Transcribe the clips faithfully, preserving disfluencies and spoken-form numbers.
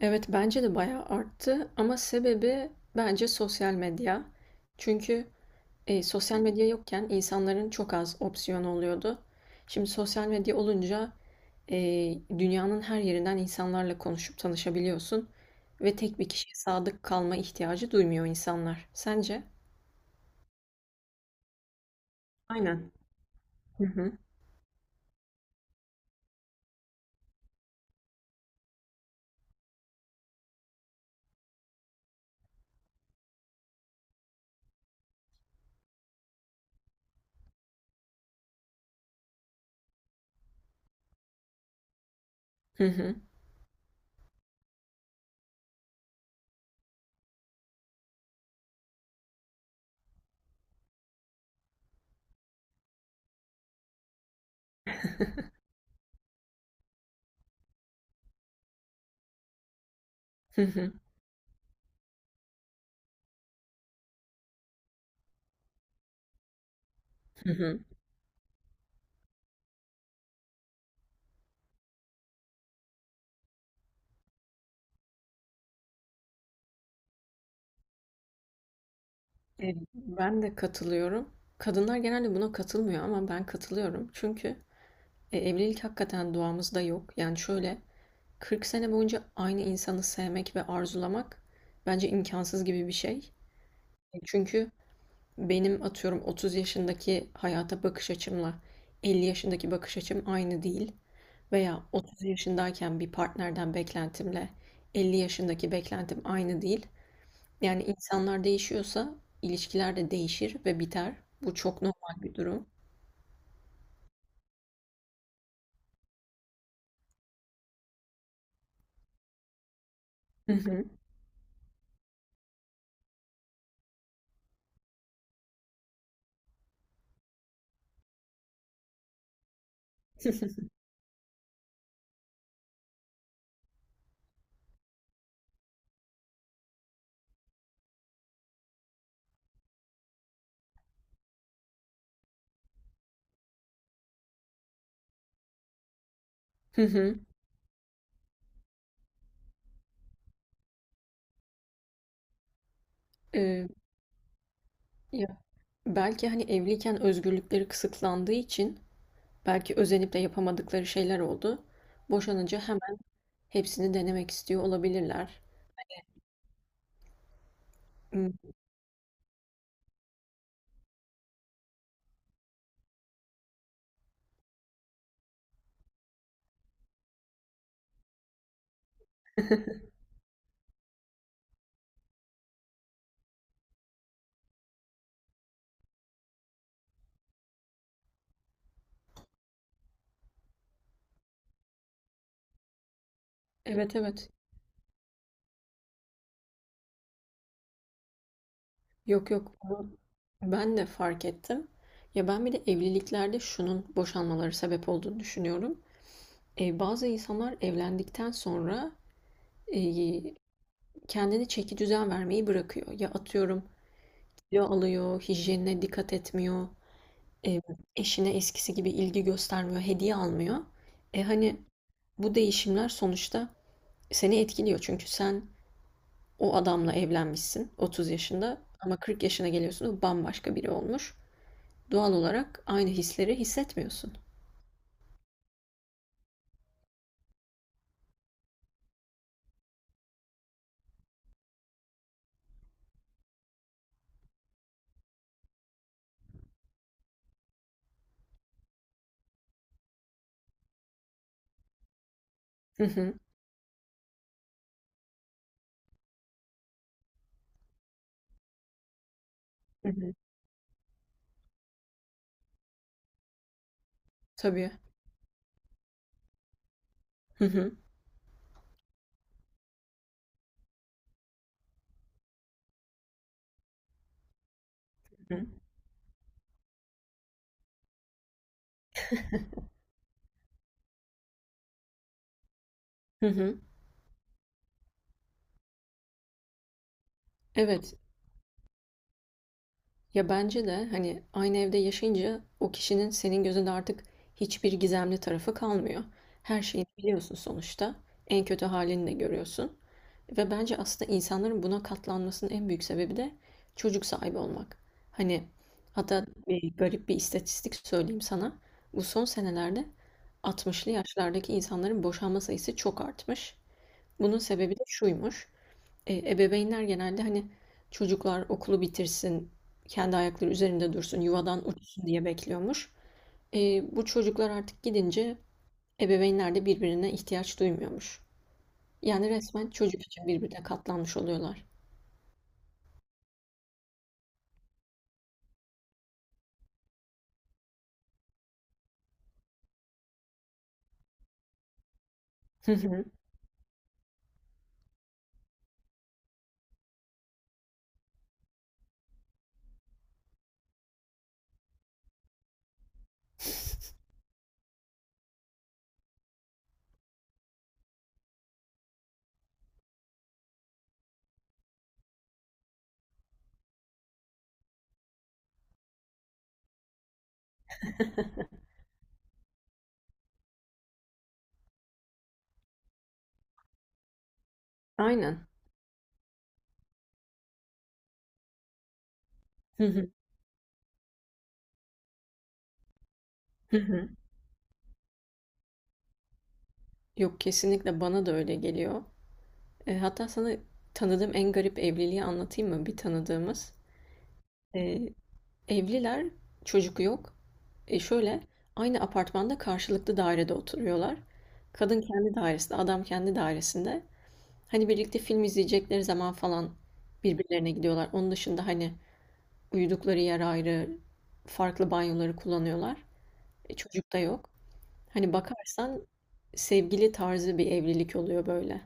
Evet, bence de bayağı arttı ama sebebi bence sosyal medya. Çünkü e, sosyal medya yokken insanların çok az opsiyonu oluyordu. Şimdi sosyal medya olunca e, dünyanın her yerinden insanlarla konuşup tanışabiliyorsun ve tek bir kişiye sadık kalma ihtiyacı duymuyor insanlar. Sence? Aynen. Hı hı. Hı hı. Hı hı. Hı hı. E, ben de katılıyorum. Kadınlar genelde buna katılmıyor ama ben katılıyorum. Çünkü E, evlilik hakikaten duamızda yok. Yani şöyle, kırk sene boyunca aynı insanı sevmek ve arzulamak bence imkansız gibi bir şey. E, Çünkü benim atıyorum otuz yaşındaki hayata bakış açımla elli yaşındaki bakış açım aynı değil. Veya otuz yaşındayken bir partnerden beklentimle elli yaşındaki beklentim aynı değil. Yani insanlar değişiyorsa ilişkiler de değişir ve biter. Bu çok normal bir durum. Hı hı. Hı hı. E, ya Belki hani evliyken özgürlükleri kısıtlandığı için belki özenip de yapamadıkları şeyler oldu. Boşanınca hemen hepsini denemek istiyor olabilirler. Hmm, evet, evet. Yok, yok. Bunu ben de fark ettim. Ya ben bir de evliliklerde şunun boşanmaları sebep olduğunu düşünüyorum. E, bazı insanlar evlendikten sonra e, kendini çeki düzen vermeyi bırakıyor. Ya atıyorum, kilo alıyor, hijyenine dikkat etmiyor. e, eşine eskisi gibi ilgi göstermiyor, hediye almıyor. E hani bu değişimler sonuçta seni etkiliyor. Çünkü sen o adamla evlenmişsin otuz yaşında ama kırk yaşına geliyorsun, o bambaşka biri olmuş. Doğal olarak aynı hisleri hissetmiyorsun. Hı hı, hı hı. Tabii. Hı hı, hı hı. Hı hı. Evet. Ya bence de hani aynı evde yaşayınca o kişinin senin gözünde artık hiçbir gizemli tarafı kalmıyor. Her şeyini biliyorsun sonuçta. En kötü halini de görüyorsun. Ve bence aslında insanların buna katlanmasının en büyük sebebi de çocuk sahibi olmak. Hani hatta bir garip bir istatistik söyleyeyim sana. Bu son senelerde altmışlı yaşlardaki insanların boşanma sayısı çok artmış. Bunun sebebi de şuymuş. E, ebeveynler genelde hani çocuklar okulu bitirsin, kendi ayakları üzerinde dursun, yuvadan uçsun diye bekliyormuş. E, bu çocuklar artık gidince ebeveynler de birbirine ihtiyaç duymuyormuş. Yani resmen çocuk için birbirine katlanmış oluyorlar. Hı hı. Aynen. Hı hı. Hı hı. Yok, kesinlikle bana da öyle geliyor. E, hatta sana tanıdığım en garip evliliği anlatayım mı? Bir tanıdığımız. E, Evliler, çocuk yok. E şöyle, aynı apartmanda karşılıklı dairede oturuyorlar. Kadın kendi dairesinde, adam kendi dairesinde. Hani birlikte film izleyecekleri zaman falan birbirlerine gidiyorlar. Onun dışında hani uyudukları yer ayrı, farklı banyoları kullanıyorlar. E çocuk da yok. Hani bakarsan sevgili tarzı bir evlilik oluyor böyle.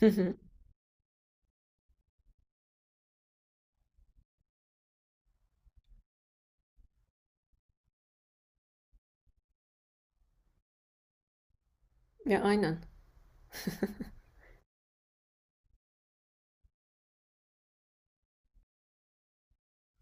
Hı hı. Ya, aynen.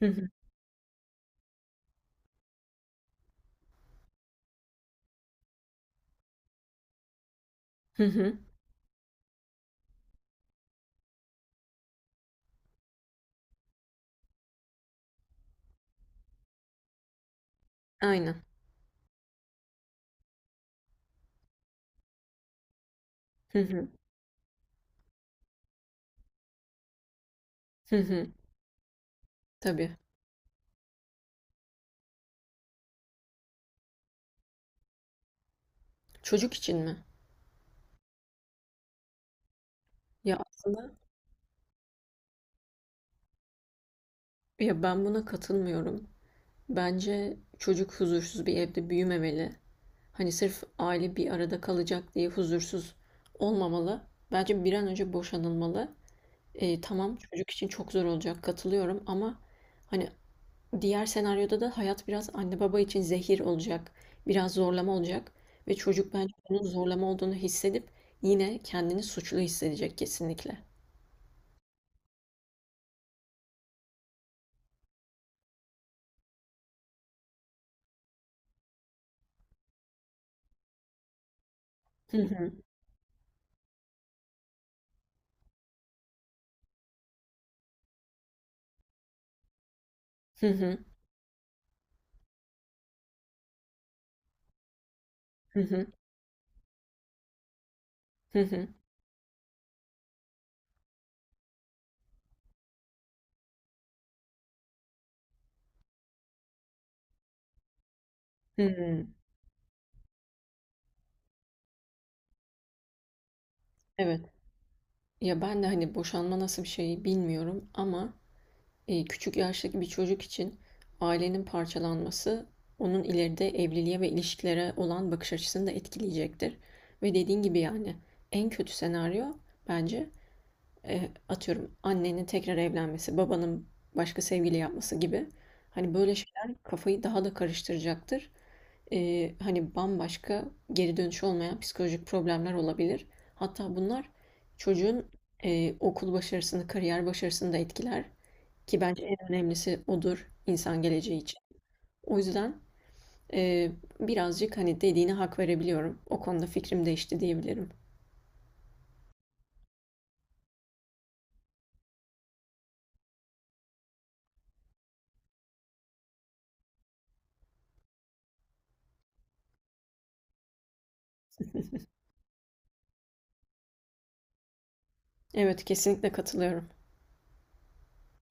Hı hı. Hı hı. Aynen. Hı hı. Hı hı. Tabii. Çocuk için mi? Ya aslında. Ya ben buna katılmıyorum. Bence çocuk huzursuz bir evde büyümemeli. Hani sırf aile bir arada kalacak diye huzursuz olmamalı. Bence bir an önce boşanılmalı. E, tamam, çocuk için çok zor olacak katılıyorum ama hani diğer senaryoda da hayat biraz anne baba için zehir olacak. Biraz zorlama olacak ve çocuk bence bunun zorlama olduğunu hissedip yine kendini suçlu hissedecek kesinlikle. Hı hı, hı hı, hı hı, hı. Hı. Evet. Ya ben de hani boşanma nasıl bir şey bilmiyorum ama e, küçük yaştaki bir çocuk için ailenin parçalanması onun ileride evliliğe ve ilişkilere olan bakış açısını da etkileyecektir. Ve dediğin gibi, yani en kötü senaryo bence e, atıyorum annenin tekrar evlenmesi, babanın başka sevgili yapması gibi. Hani böyle şeyler kafayı daha da karıştıracaktır. E, hani bambaşka, geri dönüşü olmayan psikolojik problemler olabilir. Hatta bunlar çocuğun e, okul başarısını, kariyer başarısını da etkiler. Ki bence en önemlisi odur insan geleceği için. O yüzden e, birazcık hani dediğine hak verebiliyorum. O konuda fikrim değişti diyebilirim. Evet, kesinlikle katılıyorum.